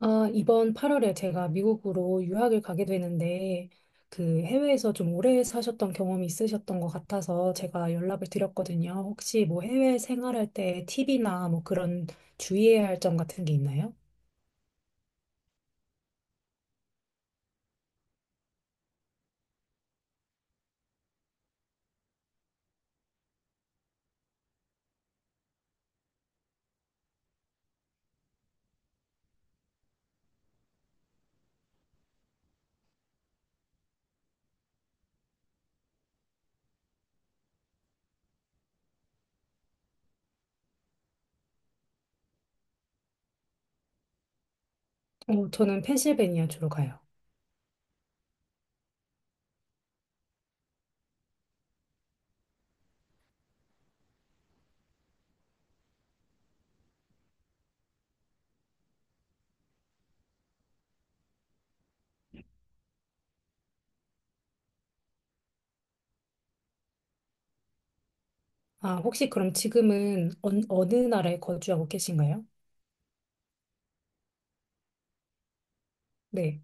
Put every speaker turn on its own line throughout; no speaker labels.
아, 이번 8월에 제가 미국으로 유학을 가게 되는데, 그 해외에서 좀 오래 사셨던 경험이 있으셨던 것 같아서 제가 연락을 드렸거든요. 혹시 뭐 해외 생활할 때 팁이나 뭐 그런 주의해야 할 점 같은 게 있나요? 저는 펜실베니아 주로 가요. 아, 혹시 그럼 지금은 어느 나라에 거주하고 계신가요? 네.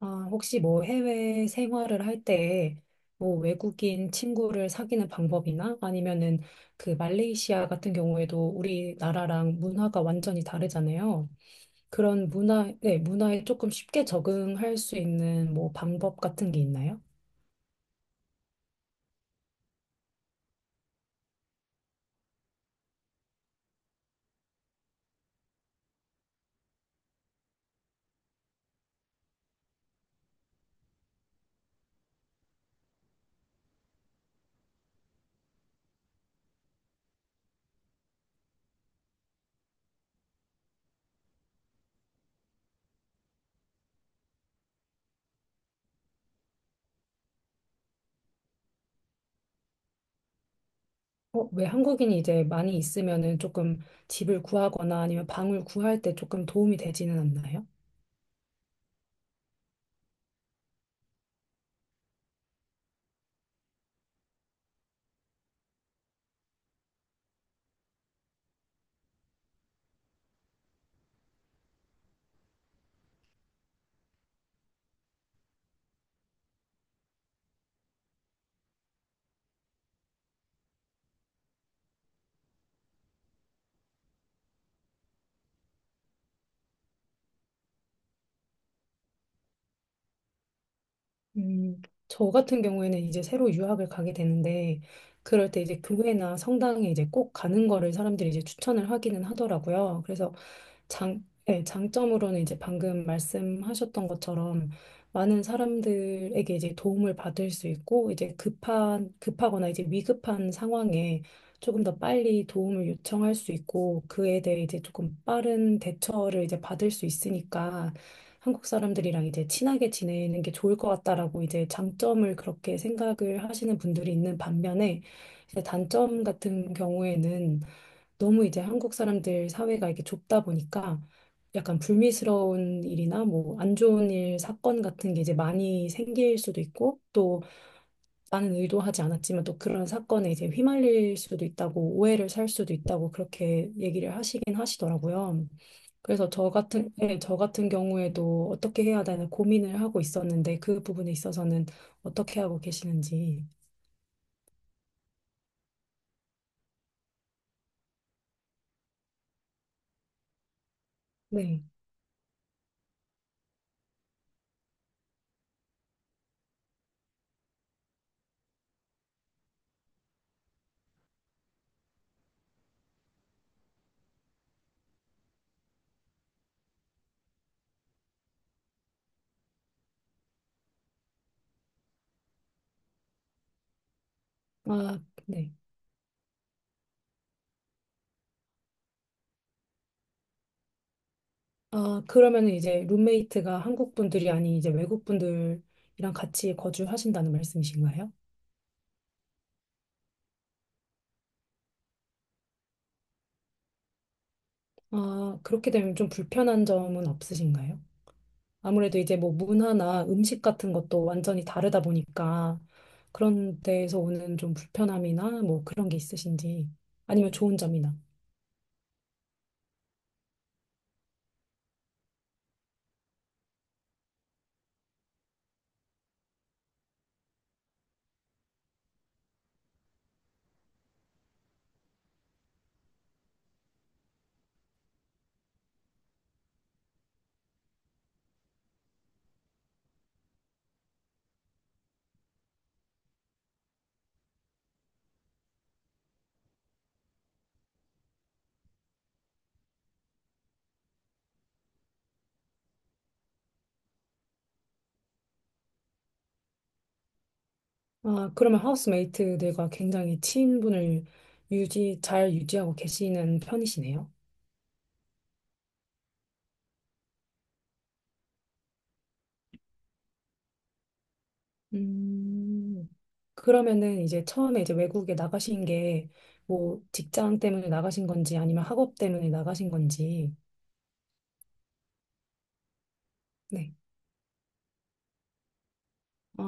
아, 혹시 뭐 해외 생활을 할 때 뭐 외국인 친구를 사귀는 방법이나 아니면은 그 말레이시아 같은 경우에도 우리나라랑 문화가 완전히 다르잖아요. 그런 문화, 네, 문화에 조금 쉽게 적응할 수 있는 뭐 방법 같은 게 있나요? 왜 한국인이 이제 많이 있으면은 조금 집을 구하거나 아니면 방을 구할 때 조금 도움이 되지는 않나요? 음, 저 같은 경우에는 이제 새로 유학을 가게 되는데, 그럴 때 이제 교회나 성당에 이제 꼭 가는 거를 사람들이 이제 추천을 하기는 하더라고요. 그래서 장, 네, 장점으로는 이제 방금 말씀하셨던 것처럼 많은 사람들에게 이제 도움을 받을 수 있고, 이제 급한, 급하거나 이제 위급한 상황에 조금 더 빨리 도움을 요청할 수 있고, 그에 대해 이제 조금 빠른 대처를 이제 받을 수 있으니까, 한국 사람들이랑 이제 친하게 지내는 게 좋을 것 같다라고 이제 장점을 그렇게 생각을 하시는 분들이 있는 반면에 이제 단점 같은 경우에는 너무 이제 한국 사람들 사회가 이렇게 좁다 보니까 약간 불미스러운 일이나 뭐 안 좋은 일, 사건 같은 게 이제 많이 생길 수도 있고 또 나는 의도하지 않았지만 또 그런 사건에 이제 휘말릴 수도 있다고 오해를 살 수도 있다고 그렇게 얘기를 하시긴 하시더라고요. 그래서 저 같은 예, 저 같은 경우에도 어떻게 해야 되나 고민을 하고 있었는데 그 부분에 있어서는 어떻게 하고 계시는지. 네. 아, 네. 아, 그러면은 이제 룸메이트가 한국 분들이 아닌 이제 외국 분들이랑 같이 거주하신다는 말씀이신가요? 아, 그렇게 되면 좀 불편한 점은 없으신가요? 아무래도 이제 뭐 문화나 음식 같은 것도 완전히 다르다 보니까 그런 데에서 오는 좀 불편함이나 뭐 그런 게 있으신지 아니면 좋은 점이나. 아, 그러면 하우스메이트들과 굉장히 친분을 유지, 잘 유지하고 계시는 편이시네요. 음, 그러면은 이제 처음에 이제 외국에 나가신 게 뭐 직장 때문에 나가신 건지 아니면 학업 때문에 나가신 건지. 네. 아,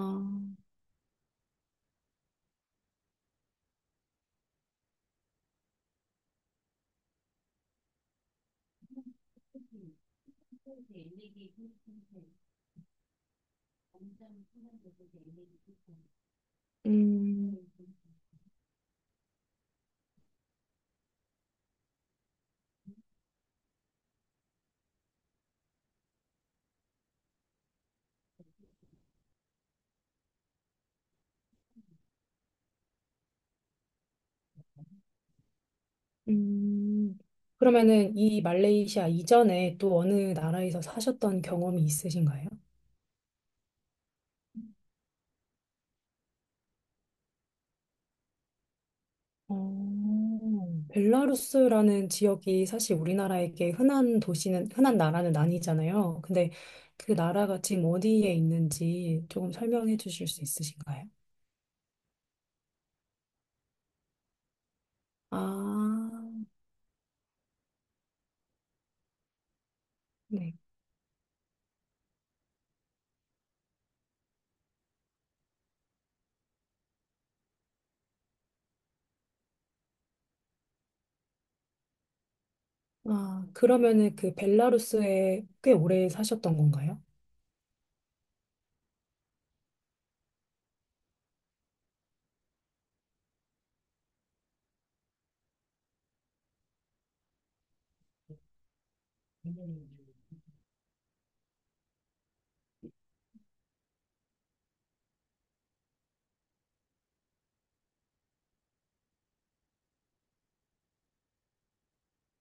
음. 음, 그러면은 이 말레이시아 이전에 또 어느 나라에서 사셨던 경험이 있으신가요? 벨라루스라는 지역이 사실 우리나라에게 흔한 도시는, 흔한 나라는 아니잖아요. 근데 그 나라가 지금 어디에 있는지 조금 설명해 주실 수 있으신가요? 아, 네. 아, 그러면은 그 벨라루스에 꽤 오래 사셨던 건가요?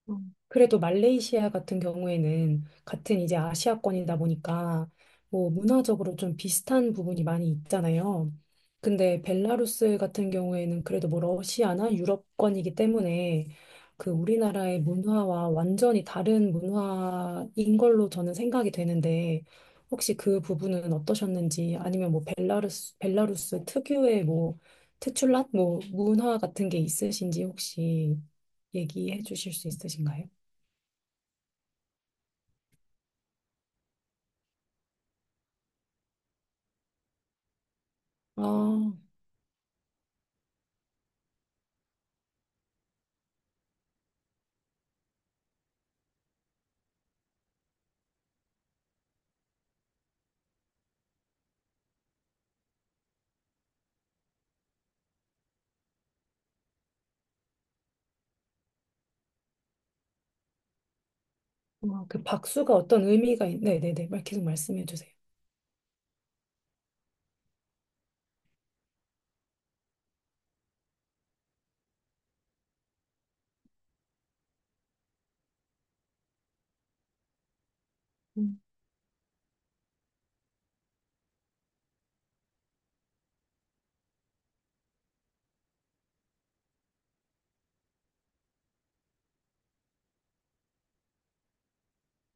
음. 그래도 말레이시아 같은 경우에는 같은 이제 아시아권이다 보니까 뭐 문화적으로 좀 비슷한 부분이 많이 있잖아요. 근데 벨라루스 같은 경우에는 그래도 뭐 러시아나 유럽권이기 때문에 그 우리나라의 문화와 완전히 다른 문화인 걸로 저는 생각이 되는데 혹시 그 부분은 어떠셨는지 아니면 뭐 벨라루스 벨라루스 특유의 뭐 특출난 뭐 문화 같은 게 있으신지 혹시 얘기해 주실 수 있으신가요? 아, 어, 그 박수가 어떤 의미가 있... 네네네. 말- 계속 말씀해 주세요. 음,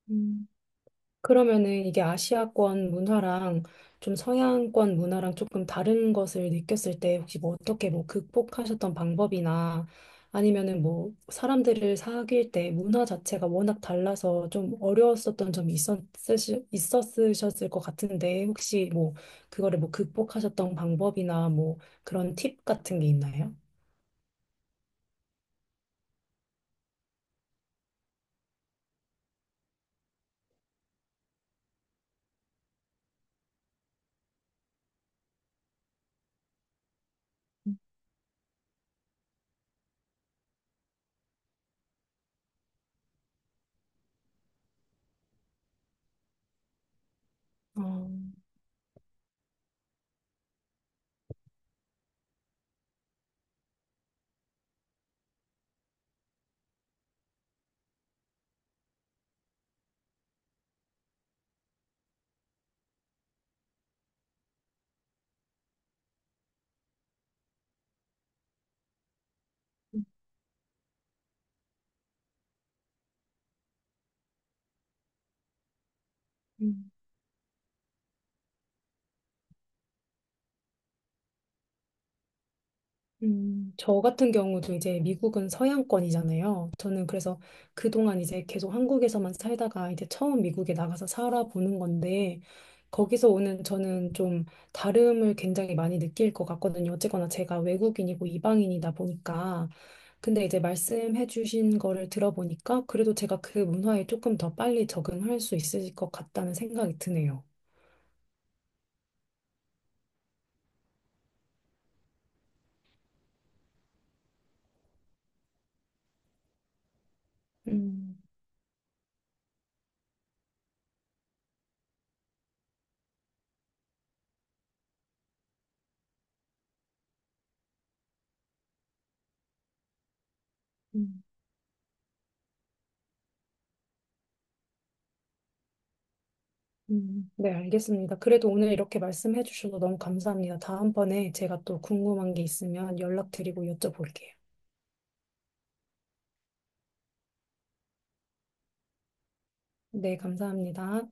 음. 그러면은 이게 아시아권 문화랑 좀 서양권 문화랑 조금 다른 것을 느꼈을 때 혹시 뭐 어떻게 뭐 극복하셨던 방법이나 아니면은 뭐 사람들을 사귈 때 문화 자체가 워낙 달라서 좀 어려웠었던 점이 있었으시, 있었으셨을 것 같은데 혹시 뭐 그거를 뭐 극복하셨던 방법이나 뭐 그런 팁 같은 게 있나요? 어, 음, 저 같은 경우도 이제 미국은 서양권이잖아요. 저는 그래서 그동안 이제 계속 한국에서만 살다가 이제 처음 미국에 나가서 살아보는 건데, 거기서 오는 저는 좀 다름을 굉장히 많이 느낄 것 같거든요. 어쨌거나 제가 외국인이고 이방인이다 보니까. 근데 이제 말씀해 주신 거를 들어보니까 그래도 제가 그 문화에 조금 더 빨리 적응할 수 있을 것 같다는 생각이 드네요. 음, 네, 알겠습니다. 그래도 오늘 이렇게 말씀해 주셔서 너무 감사합니다. 다음번에 제가 또 궁금한 게 있으면 연락드리고 여쭤볼게요. 네, 감사합니다.